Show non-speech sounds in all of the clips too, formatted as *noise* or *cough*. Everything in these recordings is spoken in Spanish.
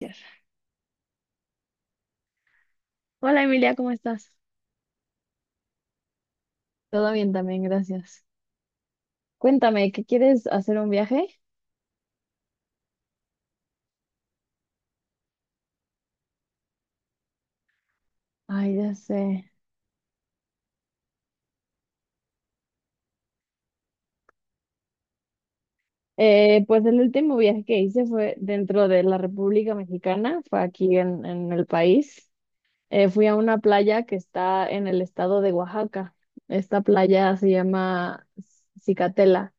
Gracias. Hola Emilia, ¿cómo estás? Todo bien también, gracias. Cuéntame, ¿qué quieres hacer un viaje? Ay, ya sé. Pues el último viaje que hice fue dentro de la República Mexicana, fue aquí en el país. Fui a una playa que está en el estado de Oaxaca. Esta playa se llama Cicatela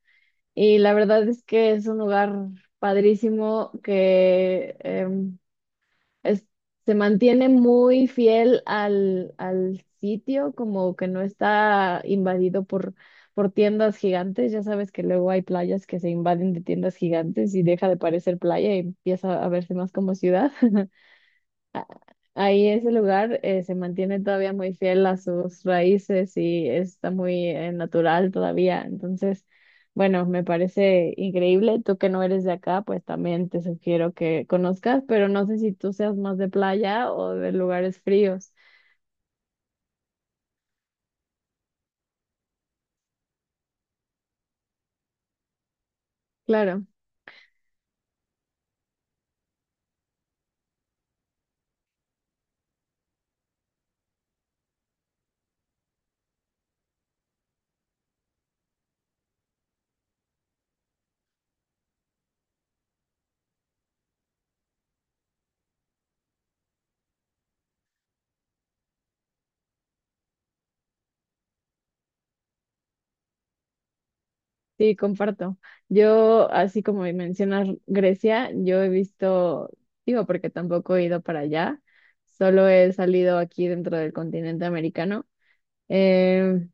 y la verdad es que es un lugar padrísimo que es- se mantiene muy fiel al sitio, como que no está invadido por tiendas gigantes. Ya sabes que luego hay playas que se invaden de tiendas gigantes y deja de parecer playa y empieza a verse más como ciudad. *laughs* Ahí ese lugar se mantiene todavía muy fiel a sus raíces y está muy natural todavía. Entonces, bueno, me parece increíble. Tú que no eres de acá, pues también te sugiero que conozcas, pero no sé si tú seas más de playa o de lugares fríos. Claro, sí, comparto. Yo, así como mencionas Grecia, yo he visto, digo, porque tampoco he ido para allá, solo he salido aquí dentro del continente americano. Em,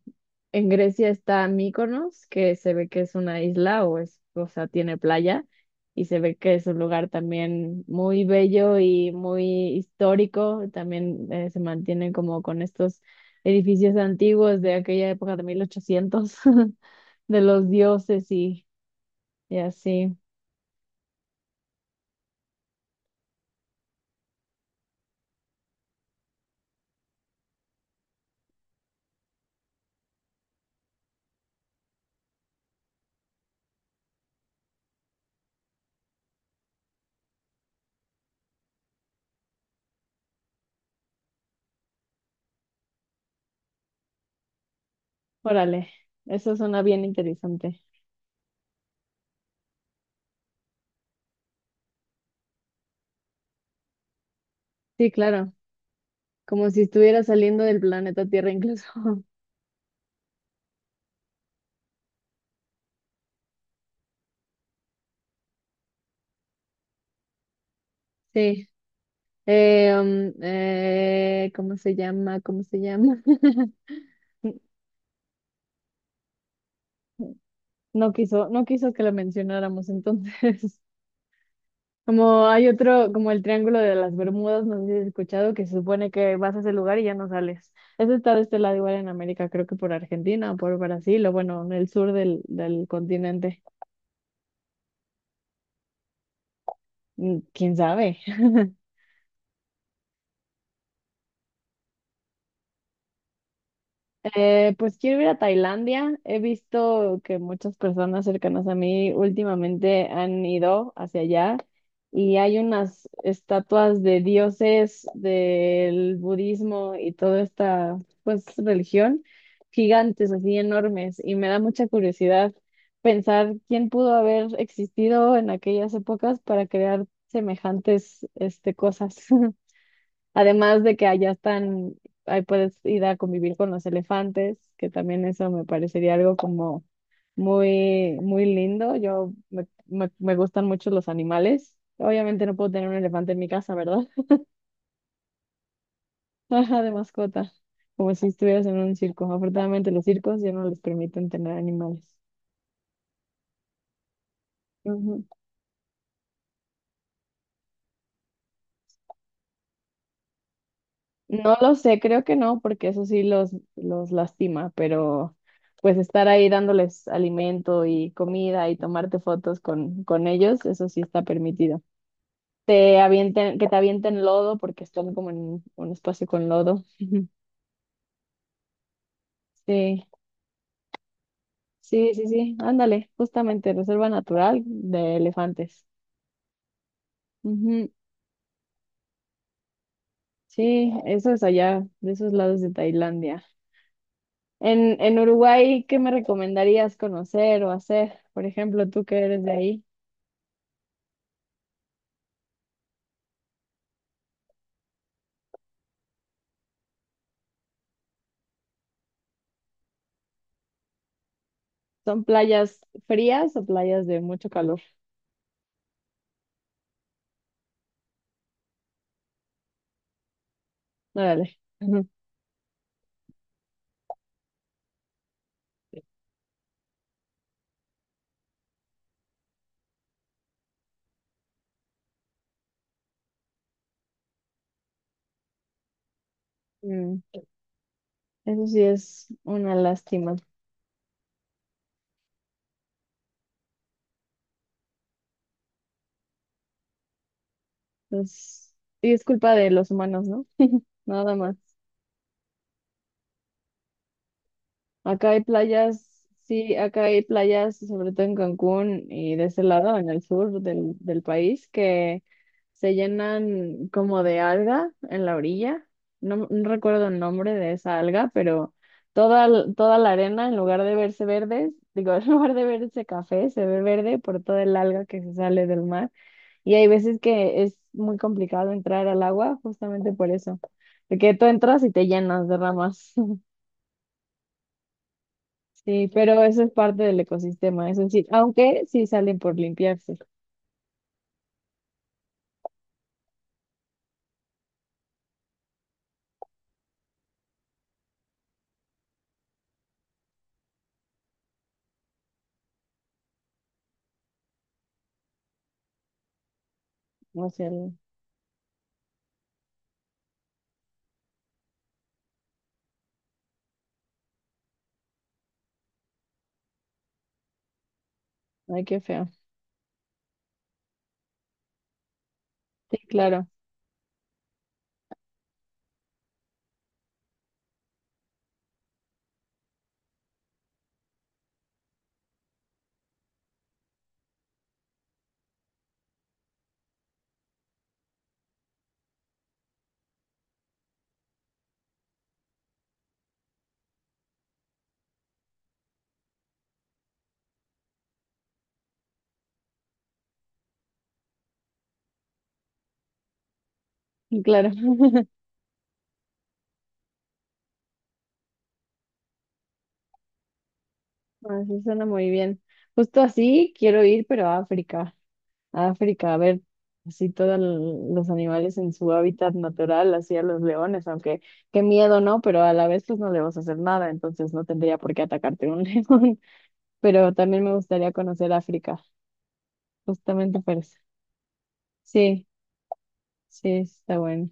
En Grecia está Mykonos, que se ve que es una isla o es, o sea, tiene playa y se ve que es un lugar también muy bello y muy histórico. También se mantiene como con estos edificios antiguos de aquella época de 1800 *laughs* de los dioses y así. Órale, eso suena bien interesante. Sí, claro, como si estuviera saliendo del planeta Tierra incluso. *laughs* Sí. ¿Cómo se llama? ¿Cómo se llama? *laughs* No quiso que lo mencionáramos entonces. *laughs* Como hay otro, como el Triángulo de las Bermudas, no sé si has escuchado, que se supone que vas a ese lugar y ya no sales. Ese está de este lado igual en América, creo que por Argentina o por Brasil, o bueno, en el sur del continente. Mm, ¿quién sabe? Pues quiero ir a Tailandia. He visto que muchas personas cercanas a mí últimamente han ido hacia allá y hay unas estatuas de dioses del budismo y toda esta pues religión gigantes, así enormes, y me da mucha curiosidad pensar quién pudo haber existido en aquellas épocas para crear semejantes este cosas. *laughs* Además de que allá están, ahí puedes ir a convivir con los elefantes, que también eso me parecería algo como muy, muy lindo. Me gustan mucho los animales. Obviamente no puedo tener un elefante en mi casa, ¿verdad? *laughs* Ajá, de mascota, como si estuvieras en un circo. Afortunadamente los circos ya no les permiten tener animales. No lo sé, creo que no, porque eso sí los lastima, pero pues estar ahí dándoles alimento y comida y tomarte fotos con ellos, eso sí está permitido. Te avienten, que te avienten lodo porque están como en un espacio con lodo. *laughs* Sí, sí, sí, sí, ándale, justamente, reserva natural de elefantes. Ujú. Sí, eso es allá, de esos lados de Tailandia. En Uruguay, ¿qué me recomendarías conocer o hacer? Por ejemplo, tú que eres de ahí. ¿Son playas frías o playas de mucho calor? Órale. Ujú. Mm, eso sí es una lástima. Pues, y es culpa de los humanos, ¿no? Nada más. Acá hay playas, sí, acá hay playas, sobre todo en Cancún y de ese lado, en el sur del país, que se llenan como de alga en la orilla. No recuerdo el nombre de esa alga, pero toda la arena, en lugar de verse verde, digo, *laughs* en lugar de verse café, se ve verde por toda el alga que se sale del mar. Y hay veces que es muy complicado entrar al agua justamente por eso, porque tú entras y te llenas de ramas. *laughs* Sí, pero eso es parte del ecosistema, eso sí, aunque sí salen por limpiarse, o sea, ay, qué feo. Sí, claro, sí, claro. *laughs* Ah, eso suena muy bien. Justo así quiero ir, pero a África, a África, a ver así todos los animales en su hábitat natural, así a los leones, aunque qué miedo, ¿no? Pero a la vez pues no le vas a hacer nada, entonces no tendría por qué atacarte un *laughs* león, pero también me gustaría conocer África, justamente por eso. Sí, sí, está bueno.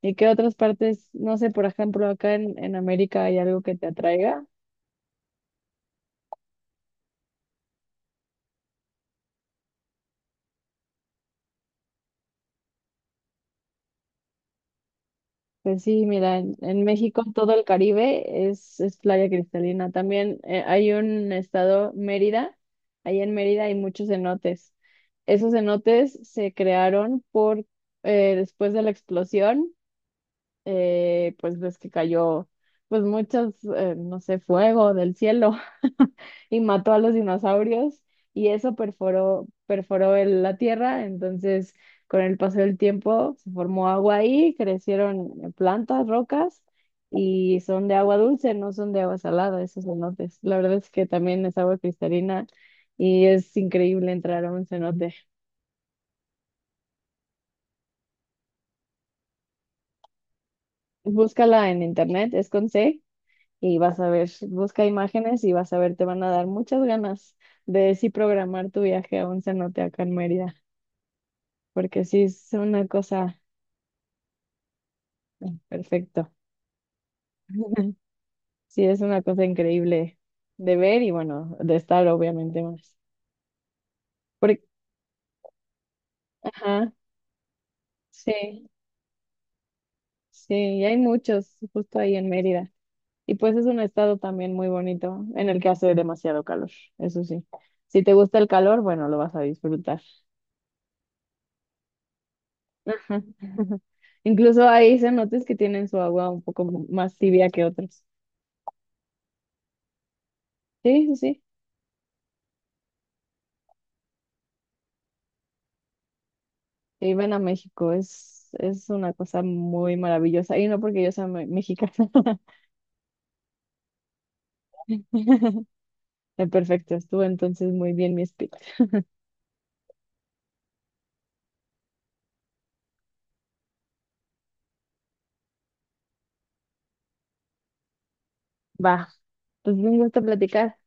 ¿Y qué otras partes, no sé, por ejemplo, acá en América hay algo que te atraiga? Pues sí, mira, en México todo el Caribe es playa cristalina. También hay un estado, Mérida, ahí en Mérida hay muchos cenotes. Esos cenotes se crearon después de la explosión. Pues ves que cayó pues muchos, no sé, fuego del cielo *laughs* y mató a los dinosaurios y eso perforó la tierra, entonces con el paso del tiempo se formó agua ahí, crecieron plantas, rocas y son de agua dulce, no son de agua salada, esos cenotes. La verdad es que también es agua cristalina y es increíble entrar a un cenote. Búscala en internet, es con C y vas a ver, busca imágenes y vas a ver, te van a dar muchas ganas de sí programar tu viaje a un cenote acá en Mérida, porque sí es una cosa perfecto. *laughs* Sí es una cosa increíble de ver y bueno, de estar obviamente más. Porque, ajá, sí, sí, y hay muchos justo ahí en Mérida. Y pues es un estado también muy bonito en el que hace demasiado calor, eso sí. Si te gusta el calor, bueno, lo vas a disfrutar. Ujú. *laughs* Incluso hay cenotes que tienen su agua un poco más tibia que otros. Sí, sí, sí. Y ven a México, es una cosa muy maravillosa. Y no porque yo sea mexicana. *laughs* Perfecto, estuvo entonces muy bien mi speech. Va, pues me gusta platicar.